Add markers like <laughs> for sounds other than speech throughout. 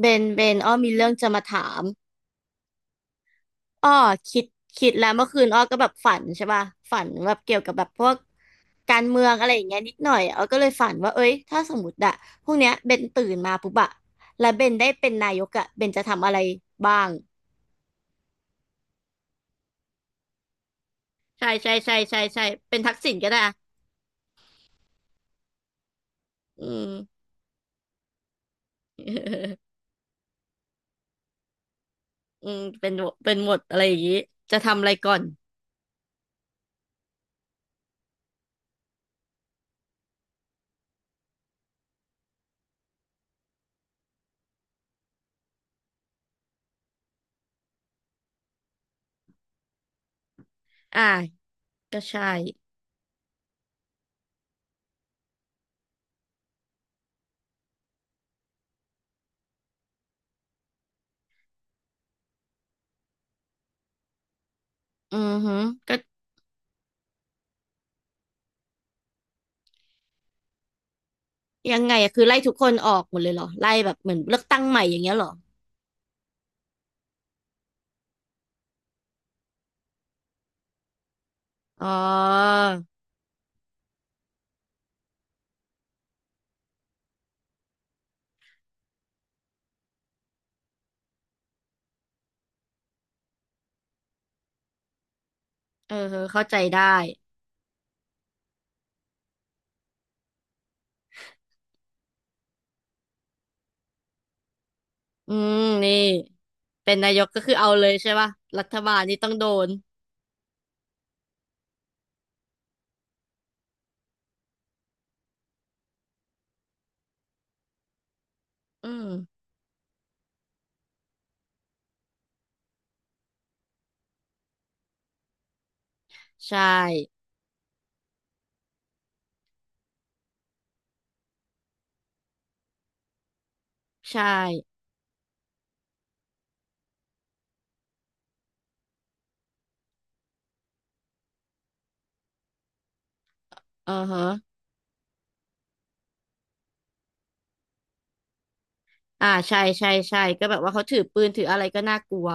เบนอ้อมีเรื่องจะมาถามอ้อคิดคิดแล้วเมื่อคืนอ้อก็แบบฝันใช่ป่ะฝันแบบเกี่ยวกับแบบพวกการเมืองอะไรอย่างเงี้ยนิดหน่อยอ้อก็เลยฝันว่าเอ้ยถ้าสมมติอะพวกเนี้ยเบนตื่นมาปุ๊บอะแล้วเบนได้เป็นนายกอะเบนจะทำอะไรบ้างใช่ใช่ใช่ใช่ใช่เป็นทักษิณก็ได้อะอืม <laughs> อืมเป็นหมดอะไรอย่างงี้จะทำอะไรก่อนอ่าก็ใช่อือหือก็ยังไงอะคือไล่ทุกคนออกหมดเลยเหรอไล่แบบเหมือนเลือกตั้งใหม่อย่างเงี้ยเหรอ อ๋อเออเข้าใจได้ อืมนี่เป็นนายกก็คือเอาเลยใช่ป่ะ รัฐบาลนี่ต้องโดน อืมใช่ ใช่เออฮะอ่าใช่ใช่ใช่ก็แบบว่าเขาถือปืนถืออะไรก็น่ากลัว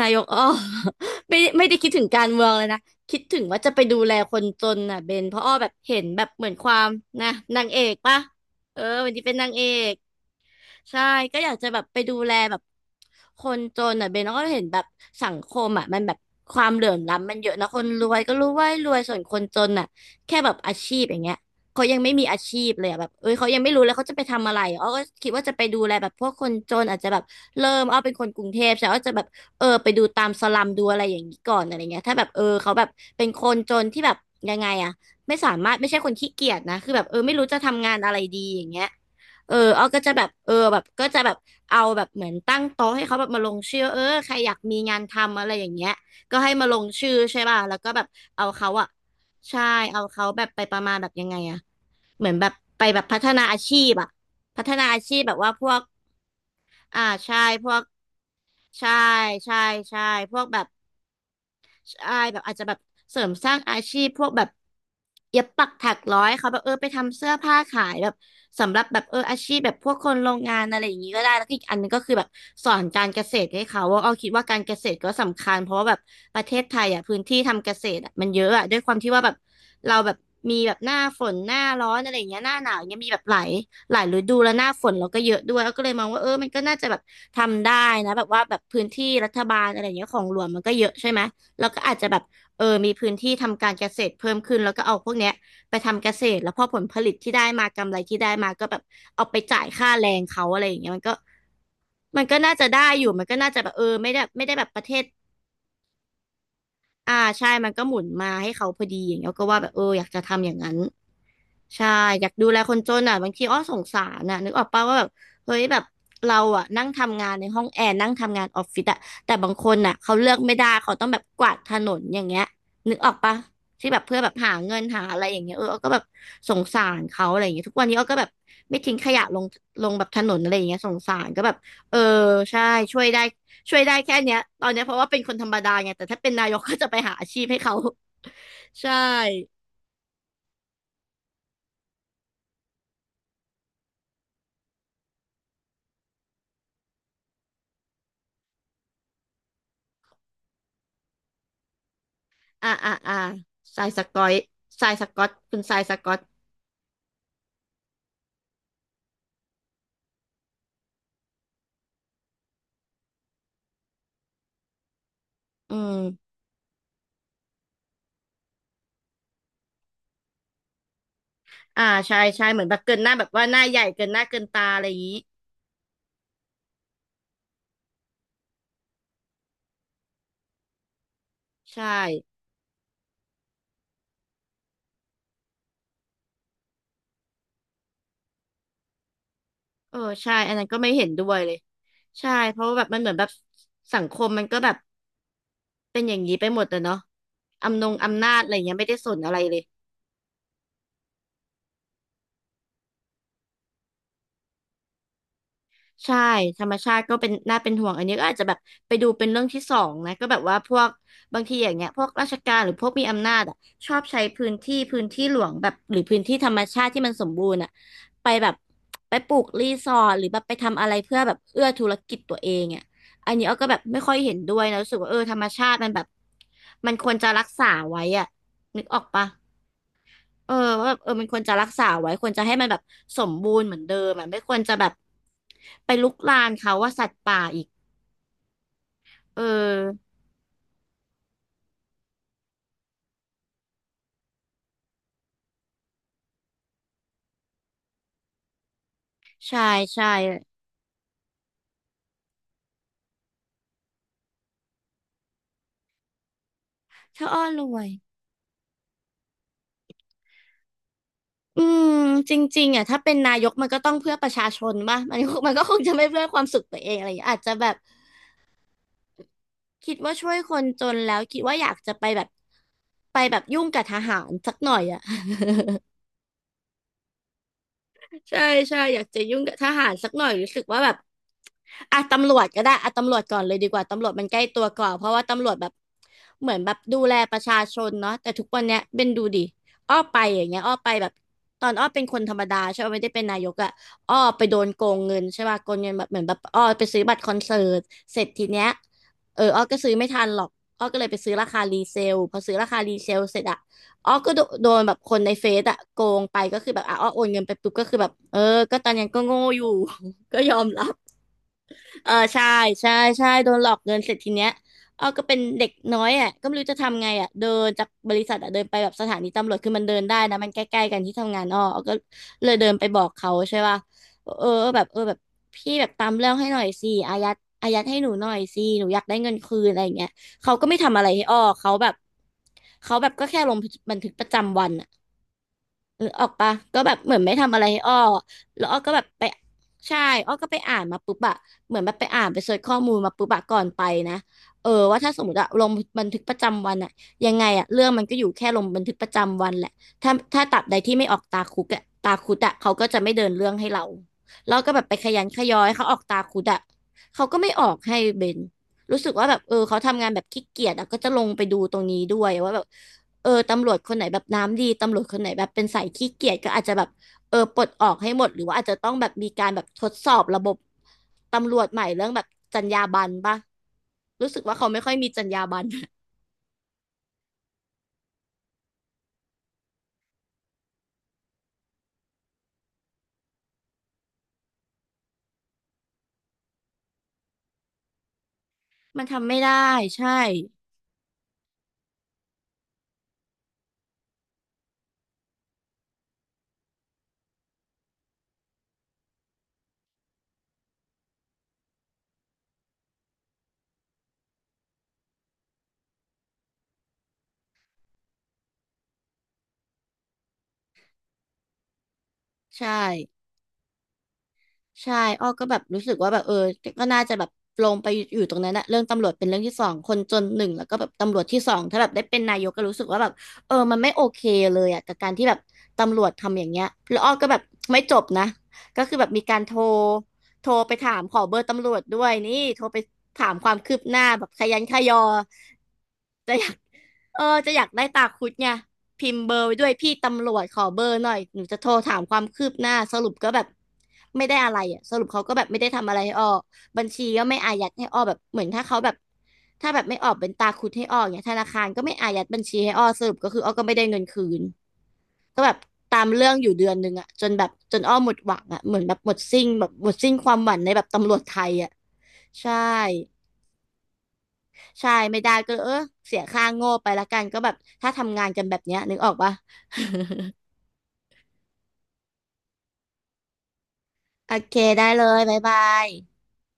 นายกอ้อ <laughs> ไม่ได้คิดถึงการเมืองเลยนะคิดถึงว่าจะไปดูแลคนจนน่ะเบนเพราะอ้อแบบเห็นแบบเหมือนความนะนางเอกปะเออวันนี้เป็นนางเอกใช่ก็อยากจะแบบไปดูแลแบบคนจนน่ะเบนอ้อก็เห็นแบบสังคมอ่ะมันแบบความเหลื่อมล้ำมันเยอะนะคนรวยก็รู้ว่ารวยส่วนคนจนน่ะแค่แบบอาชีพอย่างเงี้ยเขายังไม่มีอาชีพเลยอะแบบเอ้ยเขายังไม่รู้เลยเขาจะไปทำอะไรอ้อก็คิดว่าจะไปดูแลแบบพวกคนจนอาจจะแบบเริ่มอ้อเป็นคนกรุงเทพใช่อ้อจะแบบ เออไปดูตามสลัมดูอะไรอย่างนี้ก่อนอะไรเงี้ยถ้าแบบเออเขาแบบเป็นคนจนที่แบบยังไงอะไม่สามารถไม่ใช่คนขี้เกียจนะคือแบบเออไม่รู้จะทำงานอะไรดีอย่างเงี้ยเออเอาก็จะแบบเออแบบก็จะแบบเอาแบบเหมือนตั้งโต๊ะให้เขาแบบมาลงชื่อเออใครอยากมีงานทำอะไรอย่างเงี้ยก็ให้มาลงชื่อใช่ป่ะแล้วก็แบบเอาเขาอะใช่เอาเขาแบบไปประมาณแบบยังไงอะเหมือนแบบไปแบบพัฒนาอาชีพอะพัฒนาอาชีพแบบว่าพวกอ่าใช่พวกใช่ใช่ใช่พวกแบบ ใช่แบบอาจจะแบบเสริมสร้างอาชีพพวกแบบเย็บปักถักร้อยเขาแบบเออไปทำเสื้อผ้าขายแบบสำหรับแบบเอออาชีพแบบพวกคนโรงงานอะไรอย่างนี้ก็ได้แล้วก็อีกอันนึงก็คือแบบสอนการเกษตรให้เขาว่าเอาคิดว่าการเกษตรก็สำคัญเพราะว่าแบบประเทศไทยอ่ะพื้นที่ทำเกษตรอะมันเยอะอ่ะด้วยความที่ว่าแบบเราแบบมีแบบหน้าฝนหน้าร้อนอะไรอย่างเงี้ยหน้าหนาวอย่างเงี้ยมีแบบหลายฤดูแล้วหน้าฝนเราก็เยอะด้วยแล้วก็เลยมองว่าเออมันก็น่าจะแบบทำได้นะแบบว่าแบบพื้นที่รัฐบาลอะไรอย่างเงี้ยของหลวงมันก็เยอะใช่ไหม แล้วก็อาจจะแบบเออมีพื้นที่ทำการเกษตรเพิ่มขึ้นแล้วก็เอาพวกเนี้ยไปทำเกษตรแล้วพอผลผลิตที่ได้มากำไรที่ได้มาก็แบบเอาไปจ่ายค่าแรงเขาอะไรอย่างเงี้ยมันก็น่าจะได้อยู่มันก็น่าจะแบบเออไม่ได้แบบประเทศ อ่าใช่มันก็หมุนมาให้เขาพอดีอย่างเงี้ยก็ว่าแบบเอออยากจะทำอย่างนั้นใช่อยากดูแลคนจนอ่ะบางทีอ้อสงสารน่ะนึกออกป่าว่าแบบเฮ้ยแบบเราอ่ะนั่งทำงานในห้องแอร์นั่งทำงานออฟฟิศอ่ะแต่บางคนน่ะเขาเลือกไม่ได้เขาต้องแบบกวาดถนนอย่างเงี้ยนึกออกป่ะที่แบบเพื่อแบบหาเงินหาอะไรอย่างเงี้ยเอออ้อก็แบบสงสารเขาอะไรอย่างเงี้ยทุกวันนี้อ้อก็แบบไม่ทิ้งขยะลงแบบถนนอะไรอย่างเงี้ยสงสารก็แบบเออใช่ช่วยได้ ช่วยได้แค่เนี้ยตอนเนี้ยเพราะว่าเป็นคนธรรมดาไงแต่ถ้าเป็นนายกก็จะไปหาอาชีพให้เขา <laughs> ใช่อ่าทรายสกอยทรายสกอตคุณทรายสกอตอืมอ่าใช่ใช่เหมือนแบบเกินหน้าแบบว่าหน้าใหญ่เกินหน้าเกินตาอะไรอย่างนี้ใช่เออใช่อันนั้นก็ไม่เห็นด้วยเลยใช่เพราะว่าแบบมันเหมือนแบบสังคมมันก็แบบเป็นอย่างนี้ไปหมดอะเนาะอำนงอำนาจอะไรเงี้ยไม่ได้สนอะไรเลย ใช่ธรรมชาติก็เป็นน่าเป็นห่วงอันนี้ก็อาจจะแบบไปดูเป็นเรื่องที่สองนะก็แบบว่าพวกบางทีอย่างเงี้ยพวกราชการหรือพวกมีอำนาจอ่ะชอบใช้พื้นที่หลวงแบบหรือพื้นที่ธรรมชาติที่มันสมบูรณ์อ่ะไปแบบไปปลูกรีสอร์ทหรือแบบไปทำอะไรเพื่อแบบเอื้อธุรกิจตัวเองอ่ะอันนี้อ้อก็แบบไม่ค่อยเห็นด้วยนะรู้สึกว่าเออธรรมชาติมันแบบมันควรจะรักษาไว้อ่ะนึกออกปะ เออว่าแบบเออมันควรจะรักษาไว้ควรจะให้มันแบบสมบูรณ์เหมือนเดิมอะไม่ควรจะแบบไปลุกลานเขาว่าสัตว์ป่าอีกเออใช่ใช่ถ้าอ้อรวยอืมจริงๆอ่ะถ้าเป็นนายกก็ต้องเพื่อประชาชนป่ะมันก็คงจะไม่เพื่อความสุขตัวเองอะไรอย่างเงี้ยอาจจะแบบคิดว่าช่วยคนจนแล้วคิดว่าอยากจะไปแบบไปแบบยุ่งกับทหารสักหน่อยอ่ะ <laughs> ใช่ใช่อยากจะยุ่งกับทหารสักหน่อยรู้สึกว่าแบบอ่ะตำรวจก็ได้อ่ะตำรวจก่อนเลยดีกว่าตำรวจมันใกล้ตัวกว่าเพราะว่าตำรวจแบบเหมือนแบบดูแลประชาชนเนาะแต่ทุกวันเนี้ยเป็นดูดิอ้อไปอย่างเงี้ยอ้อไปแบบตอนอ้อเป็นคนธรรมดาใช่ไหมไม่ได้เป็นนายกอะอ้อไปโดนโกงเงินใช่ป่ะโกงเงินแบบเหมือนแบบอ้อไปซื้อบัตรคอนเสิร์ตเสร็จทีเนี้ยเอออ้อก็ซื้อไม่ทันหรอกอ้อก็เลยไปซื้อราคารีเซลพอซื้อราคารีเซลเสร็จอะ อ๋อก็โดนแบบคนในเฟซอะโกงไปก็คือแบบอ๋อโอนเงินไปปุ๊บก็คือแบบเออก็ตอนนั้นก็โง่อยู่ <laughs> ก็ยอมรับ เออใช่ใช่ใช่โดนหลอกเงินเสร็จทีเนี้ยอ้อก็เป็นเด็กน้อยอ่ะก็ไม่รู้จะทำไงอ่ะเดินจากบริษัทอ่ะเดินไปแบบสถานีตำรวจคือมันเดินได้นะมันใกล้ๆกันที่ทำงานอ้อก็เลยเดินไปบอกเขาใช่ป่ะเออแบบเออแบบพี่แบบตามเรื่องให้หน่อยสิอายัดอายัดให้หนูหน่อยสิหนูอยากได้เงินคืนอะไรอย่างเงี้ยเขาก็ไม่ทำอะไรให้อ้อเขาแบบเขาแบบก็แค่ลงบันทึกประจำวัน หรือออกปะก็แบบเหมือนไม่ทำอะไรให้อ้อแล้วอ้อก็แบบไปใช่อ้อก็ไปอ่านมาปุ๊บอะเหมือนแบบไปอ่านไปเสิร์ชข้อมูลมาปุ๊บอะก่อนไปนะเออว่าถ้าสมมติอะลงบันทึกประจำวันอะยังไงอะเรื่องมันก็อยู่แค่ลงบันทึกประจำวันแหละถ้าตราบใดที่ไม่ออกตาคุกอะตาคุดอะเขาก็จะไม่เดินเรื่องให้เราเราก็แบบไปขยันขยอยให้เขาออกตาคุดอะเขาก็ไม่ออกให้เบนรู้สึกว่าแบบเออเขาทำงานแบบขี้เกียจอะก็จะลงไปดูตรงนี้ด้วยว่าแบบ เออตำรวจคนไหนแบบน้ำดีตำรวจคนไหนแบบเป็นสายขี้เกียจก็อาจจะแบบเออปลดออกให้หมดหรือว่าอาจจะต้องแบบมีการแบบทดสอบระบบตำรวจใหม่เรื่องแบบจรรยาบรรณป่ะรู้สึกว่าเขาไม่ค่อยมีจรรยาบรรณ <laughs> มันทำไม่ได้ใช่ใช่ ใช่อ้อก็แบบรู้สึกว่าแบบเออก็น่าจะแบบลงไปอยู่ตรงนั้นนะเรื่องตำรวจเป็นเรื่องที่สองคนจนหนึ่งแล้วก็แบบตำรวจที่สองถ้าแบบได้เป็นนายกก็รู้สึกว่าแบบเออมันไม่โอเคเลยอ่ะกับการที่แบบตำรวจทำอย่างเงี้ยแล้วอ้อก็แบบไม่จบนะก็คือแบบมีการโทรไปถามขอเบอร์ตำรวจด้วยนี่โทรไปถามความคืบหน้าแบบขยันขยอจะอยากเออจะอยากได้ตาคุดไง พิมพ์เบอร์ไว้ด้วยพี่ตำรวจขอเบอร์หน่อยหนูจะโทรถามความคืบหน้าสรุปก็แบบไม่ได้อะไรอ่ะสรุปเขาก็แบบไม่ได้ทำอะไรให้อ้อบัญชีก็ไม่อายัดให้อ้อแบบเหมือนถ้าเขาแบบถ้าแบบไม่ออกเป็นตาคุดให้อ้อเนี่ยธนาคารก็ไม่อายัดบัญชีให้อ้อสรุปก็คืออ้อก็ไม่ได้เงินคืนก็แบบตามเรื่องอยู่เดือนหนึ่งอ่ะจนแบบจนอ้อหมดหวังอ่ะเหมือนแบบหมดสิ้นแบบหมดสิ้นความหวังในแบบตำรวจไทยอ่ะใช่ใช่ไม่ได้ก็เออเสียค่าโง่ไปละกันก็แบบถ้าทำงานกันแบบเนี้ยนึกออกปะ <laughs> โอเคได้เลยบ๊ายบาย